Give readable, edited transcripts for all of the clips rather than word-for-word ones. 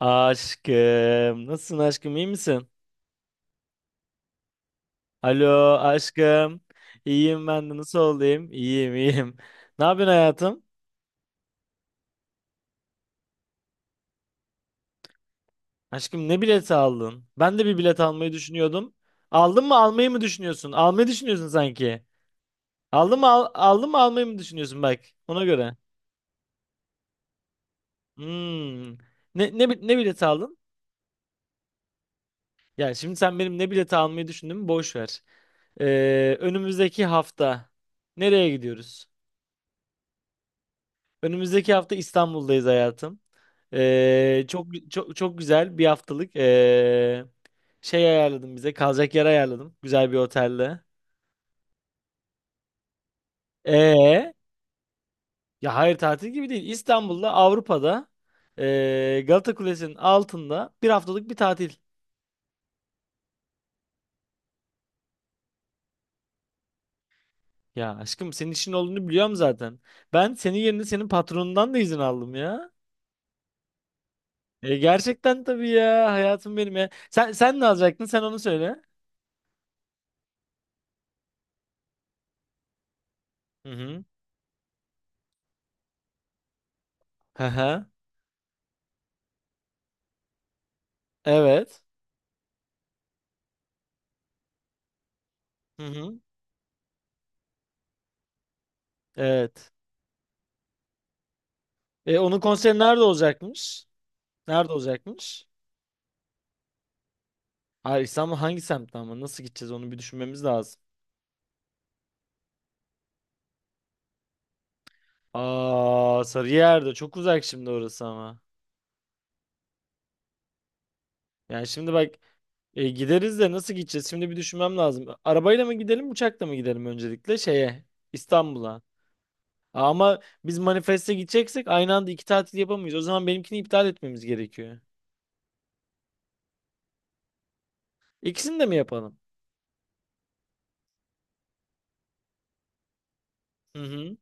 Aşkım. Nasılsın aşkım? İyi misin? Alo aşkım. İyiyim ben de. Nasıl olayım? İyiyim iyiyim. Ne yapıyorsun hayatım? Aşkım ne bileti aldın? Ben de bir bilet almayı düşünüyordum. Aldın mı almayı mı düşünüyorsun? Almayı düşünüyorsun sanki. Aldın mı almayı mı düşünüyorsun bak. Ona göre. Hmm. Ne bileti aldın? Ya şimdi sen benim ne bileti almayı düşündüğümü boş ver. Önümüzdeki hafta nereye gidiyoruz? Önümüzdeki hafta İstanbul'dayız hayatım. Çok çok çok güzel bir haftalık şey ayarladım bize. Kalacak yer ayarladım. Güzel bir otelde. Ee, Ya hayır, tatil gibi değil. İstanbul'da, Avrupa'da, Galata Kulesi'nin altında bir haftalık bir tatil. Ya aşkım, senin işin olduğunu biliyorum zaten. Ben senin yerine senin patronundan da izin aldım ya. E, gerçekten tabii ya, hayatım benim ya. Sen ne alacaktın? Sen onu söyle. Hı hı. Hı hı. Evet. Hı hı. Evet. E, onun konseri nerede olacakmış? Nerede olacakmış? Hayır, İstanbul hangi semtte ama, nasıl gideceğiz onu bir düşünmemiz lazım. Aa, Sarıyer'de çok uzak şimdi orası ama. Yani şimdi bak, e, gideriz de nasıl gideceğiz? Şimdi bir düşünmem lazım. Arabayla mı gidelim uçakla mı gidelim, öncelikle şeye, İstanbul'a. Aa, ama biz manifeste gideceksek aynı anda iki tatil yapamayız. O zaman benimkini iptal etmemiz gerekiyor. İkisini de mi yapalım? Hı hı.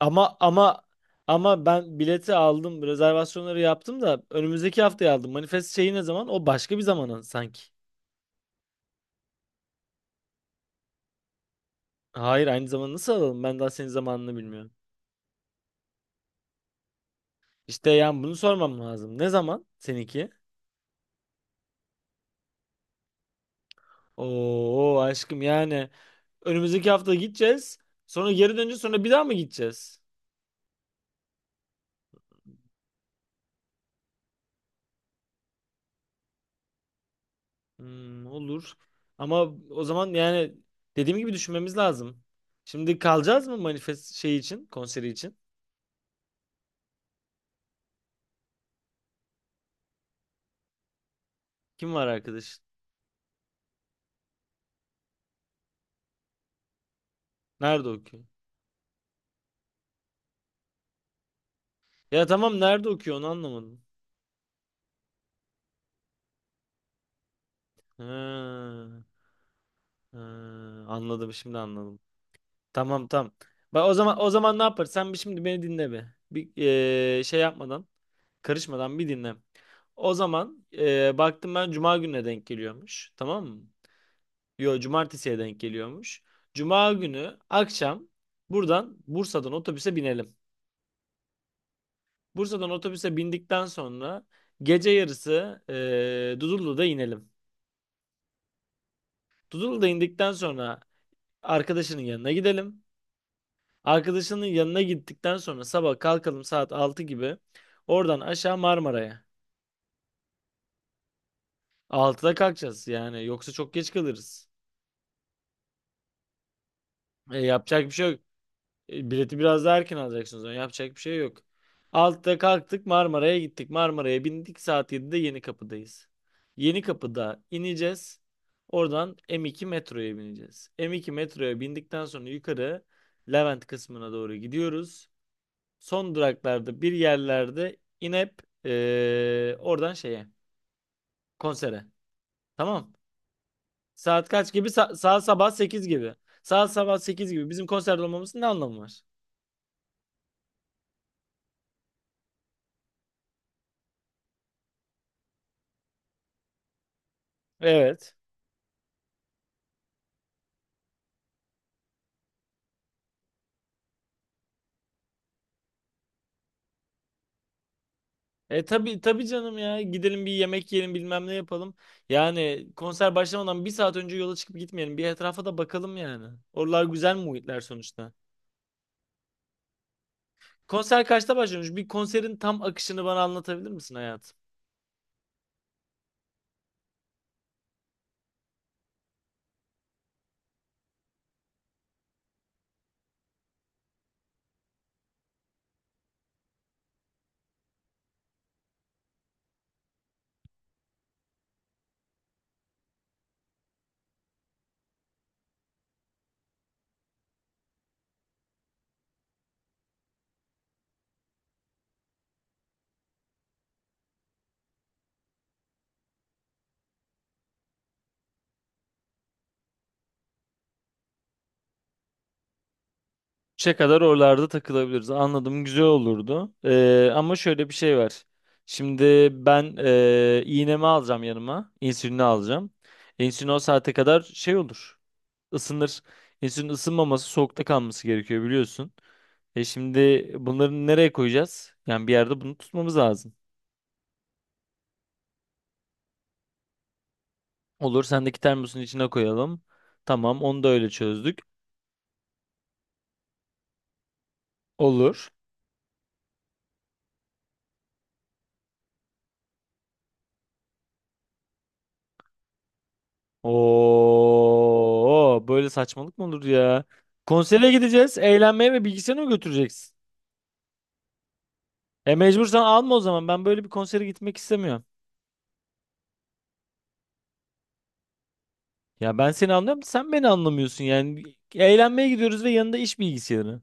Ama ama ama ben bileti aldım, rezervasyonları yaptım da önümüzdeki haftaya aldım. Manifest şeyi ne zaman? O başka bir zamana sanki. Hayır, aynı zaman nasıl alalım? Ben daha senin zamanını bilmiyorum. İşte yani bunu sormam lazım. Ne zaman seninki? Oo aşkım, yani önümüzdeki hafta gideceğiz. Sonra geri döneceğiz, sonra bir daha mı gideceğiz? Hmm, olur. Ama o zaman yani dediğim gibi düşünmemiz lazım. Şimdi kalacağız mı manifest şeyi için, konseri için? Kim var arkadaş? Nerede o? Ya tamam, nerede okuyor onu anlamadım. Ha, ha, anladım, şimdi anladım. Tamam tamam. Bak o zaman, o zaman ne yapar? Sen bir şimdi beni dinle be. Bir şey yapmadan, karışmadan bir dinle. O zaman baktım ben cuma gününe denk geliyormuş. Tamam mı? Yo, cumartesiye denk geliyormuş. Cuma günü akşam buradan, Bursa'dan otobüse binelim. Bursa'dan otobüse bindikten sonra gece yarısı Dudullu'da inelim. Dudullu'da indikten sonra arkadaşının yanına gidelim. Arkadaşının yanına gittikten sonra sabah kalkalım saat 6 gibi. Oradan aşağı Marmara'ya. Altıda kalkacağız yani, yoksa çok geç kalırız. E, yapacak bir şey yok. E, bileti biraz daha erken alacaksınız. Yani yapacak bir şey yok. 6'da kalktık, Marmara'ya gittik. Marmara'ya bindik, saat 7'de Yenikapı'dayız. Yenikapı'da ineceğiz. Oradan M2 metroya bineceğiz. M2 metroya bindikten sonra yukarı Levent kısmına doğru gidiyoruz. Son duraklarda bir yerlerde inip oradan şeye, konsere. Tamam. Saat kaç gibi? Saat sabah 8 gibi. Saat sabah 8 gibi bizim konserde olmamızın ne anlamı var? Evet. E tabii tabii canım ya. Gidelim bir yemek yiyelim, bilmem ne yapalım. Yani konser başlamadan bir saat önce yola çıkıp gitmeyelim. Bir etrafa da bakalım yani. Oralar güzel muhitler sonuçta. Konser kaçta başlamış? Bir konserin tam akışını bana anlatabilir misin hayatım? 3'e kadar oralarda takılabiliriz. Anladım, güzel olurdu. Ama şöyle bir şey var. Şimdi ben, iğnemi alacağım yanıma. İnsülini alacağım. İnsülin o saate kadar şey olur. Isınır. İnsülin ısınmaması, soğukta kalması gerekiyor biliyorsun. E şimdi bunları nereye koyacağız? Yani bir yerde bunu tutmamız lazım. Olur, sendeki termosun içine koyalım. Tamam, onu da öyle çözdük. Olur. Oo, böyle saçmalık mı olur ya? Konsere gideceğiz, eğlenmeye, ve bilgisayarını mı götüreceksin? E mecbursan alma o zaman. Ben böyle bir konsere gitmek istemiyorum. Ya ben seni anlıyorum, da sen beni anlamıyorsun yani. Eğlenmeye gidiyoruz ve yanında iş bilgisayarı.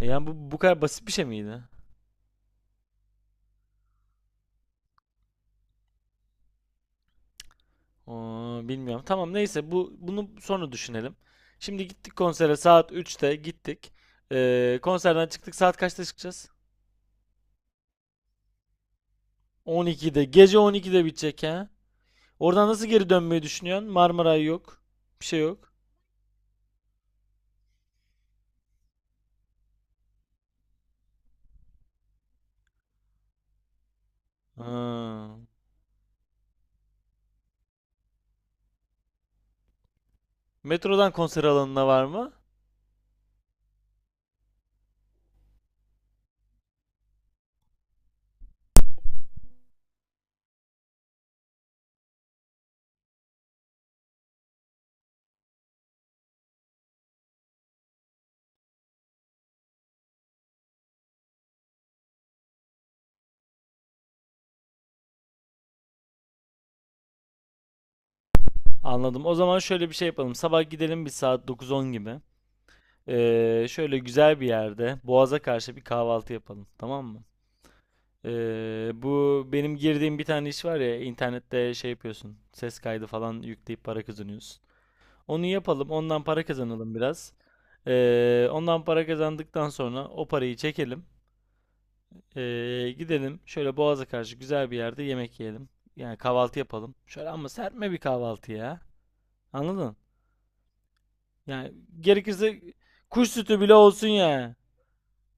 E yani bu bu kadar basit bir şey miydi? Oo, bilmiyorum. Tamam neyse, bu bunu sonra düşünelim. Şimdi gittik konsere, saat 3'te gittik. Konserden çıktık, saat kaçta çıkacağız? 12'de. Gece 12'de bitecek ha. Oradan nasıl geri dönmeyi düşünüyorsun? Marmaray yok. Bir şey yok. Ha. Metrodan konser alanına var mı? Anladım. O zaman şöyle bir şey yapalım. Sabah gidelim bir saat 9-10 gibi. Şöyle güzel bir yerde Boğaz'a karşı bir kahvaltı yapalım. Tamam mı? Bu benim girdiğim bir tane iş var ya, internette şey yapıyorsun. Ses kaydı falan yükleyip para kazanıyorsun. Onu yapalım. Ondan para kazanalım biraz. Ondan para kazandıktan sonra o parayı çekelim. Gidelim şöyle Boğaz'a karşı güzel bir yerde yemek yiyelim. Yani kahvaltı yapalım. Şöyle ama serpme bir kahvaltı ya. Anladın? Yani gerekirse kuş sütü bile olsun ya.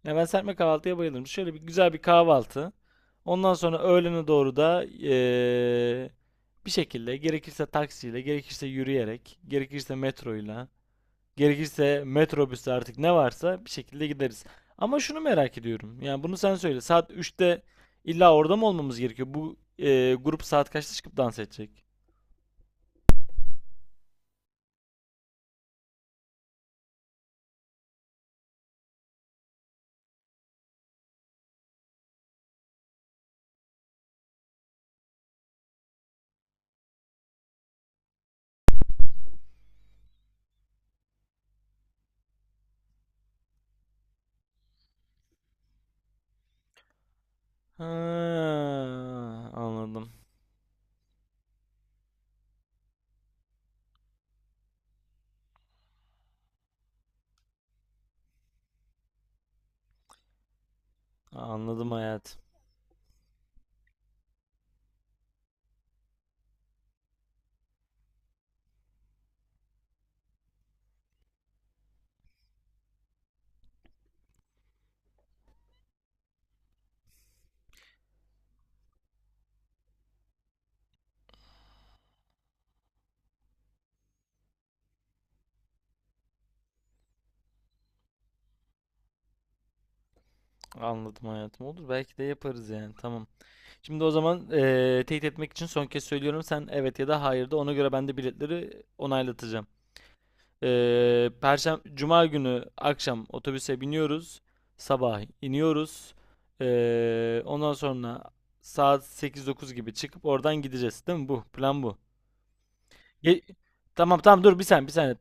Ya ben serpme kahvaltıya bayılırım. Şöyle bir güzel bir kahvaltı. Ondan sonra öğlene doğru da bir şekilde gerekirse taksiyle, gerekirse yürüyerek, gerekirse metroyla. Gerekirse metrobüste, artık ne varsa bir şekilde gideriz. Ama şunu merak ediyorum. Yani bunu sen söyle. saat 3'te illa orada mı olmamız gerekiyor? Bu e, grup saat kaçta çıkıp dans edecek? Ha, anladım. Anladım hayatım. Anladım hayatım. Olur, belki de yaparız yani. Tamam. Şimdi o zaman, e, teyit etmek için son kez söylüyorum. Sen evet ya da hayır de, ona göre ben de biletleri onaylatacağım. Perşembe, Cuma günü akşam otobüse biniyoruz. Sabah iniyoruz. Ondan sonra saat 8 9 gibi çıkıp oradan gideceğiz. Değil mi bu? Plan bu. Ye- tamam tamam, dur bir saniye, bir saniye.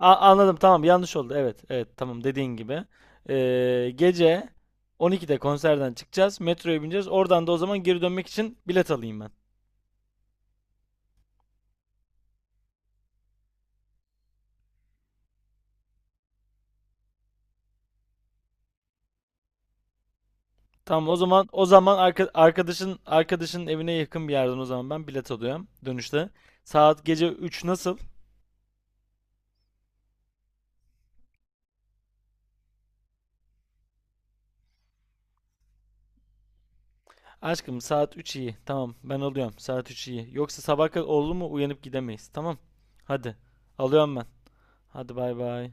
Anladım, tamam yanlış oldu. Evet evet tamam, dediğin gibi. Gece 12'de konserden çıkacağız. Metroya bineceğiz. Oradan da o zaman geri dönmek için bilet alayım ben. Tamam o zaman, o zaman arkadaşın arkadaşın evine yakın bir yerden o zaman ben bilet alıyorum dönüşte. Saat gece 3 nasıl? Aşkım saat 3 iyi. Tamam ben alıyorum. Saat 3 iyi. Yoksa sabah kadar oldu mu uyanıp gidemeyiz. Tamam. Hadi. Alıyorum ben. Hadi bay bay.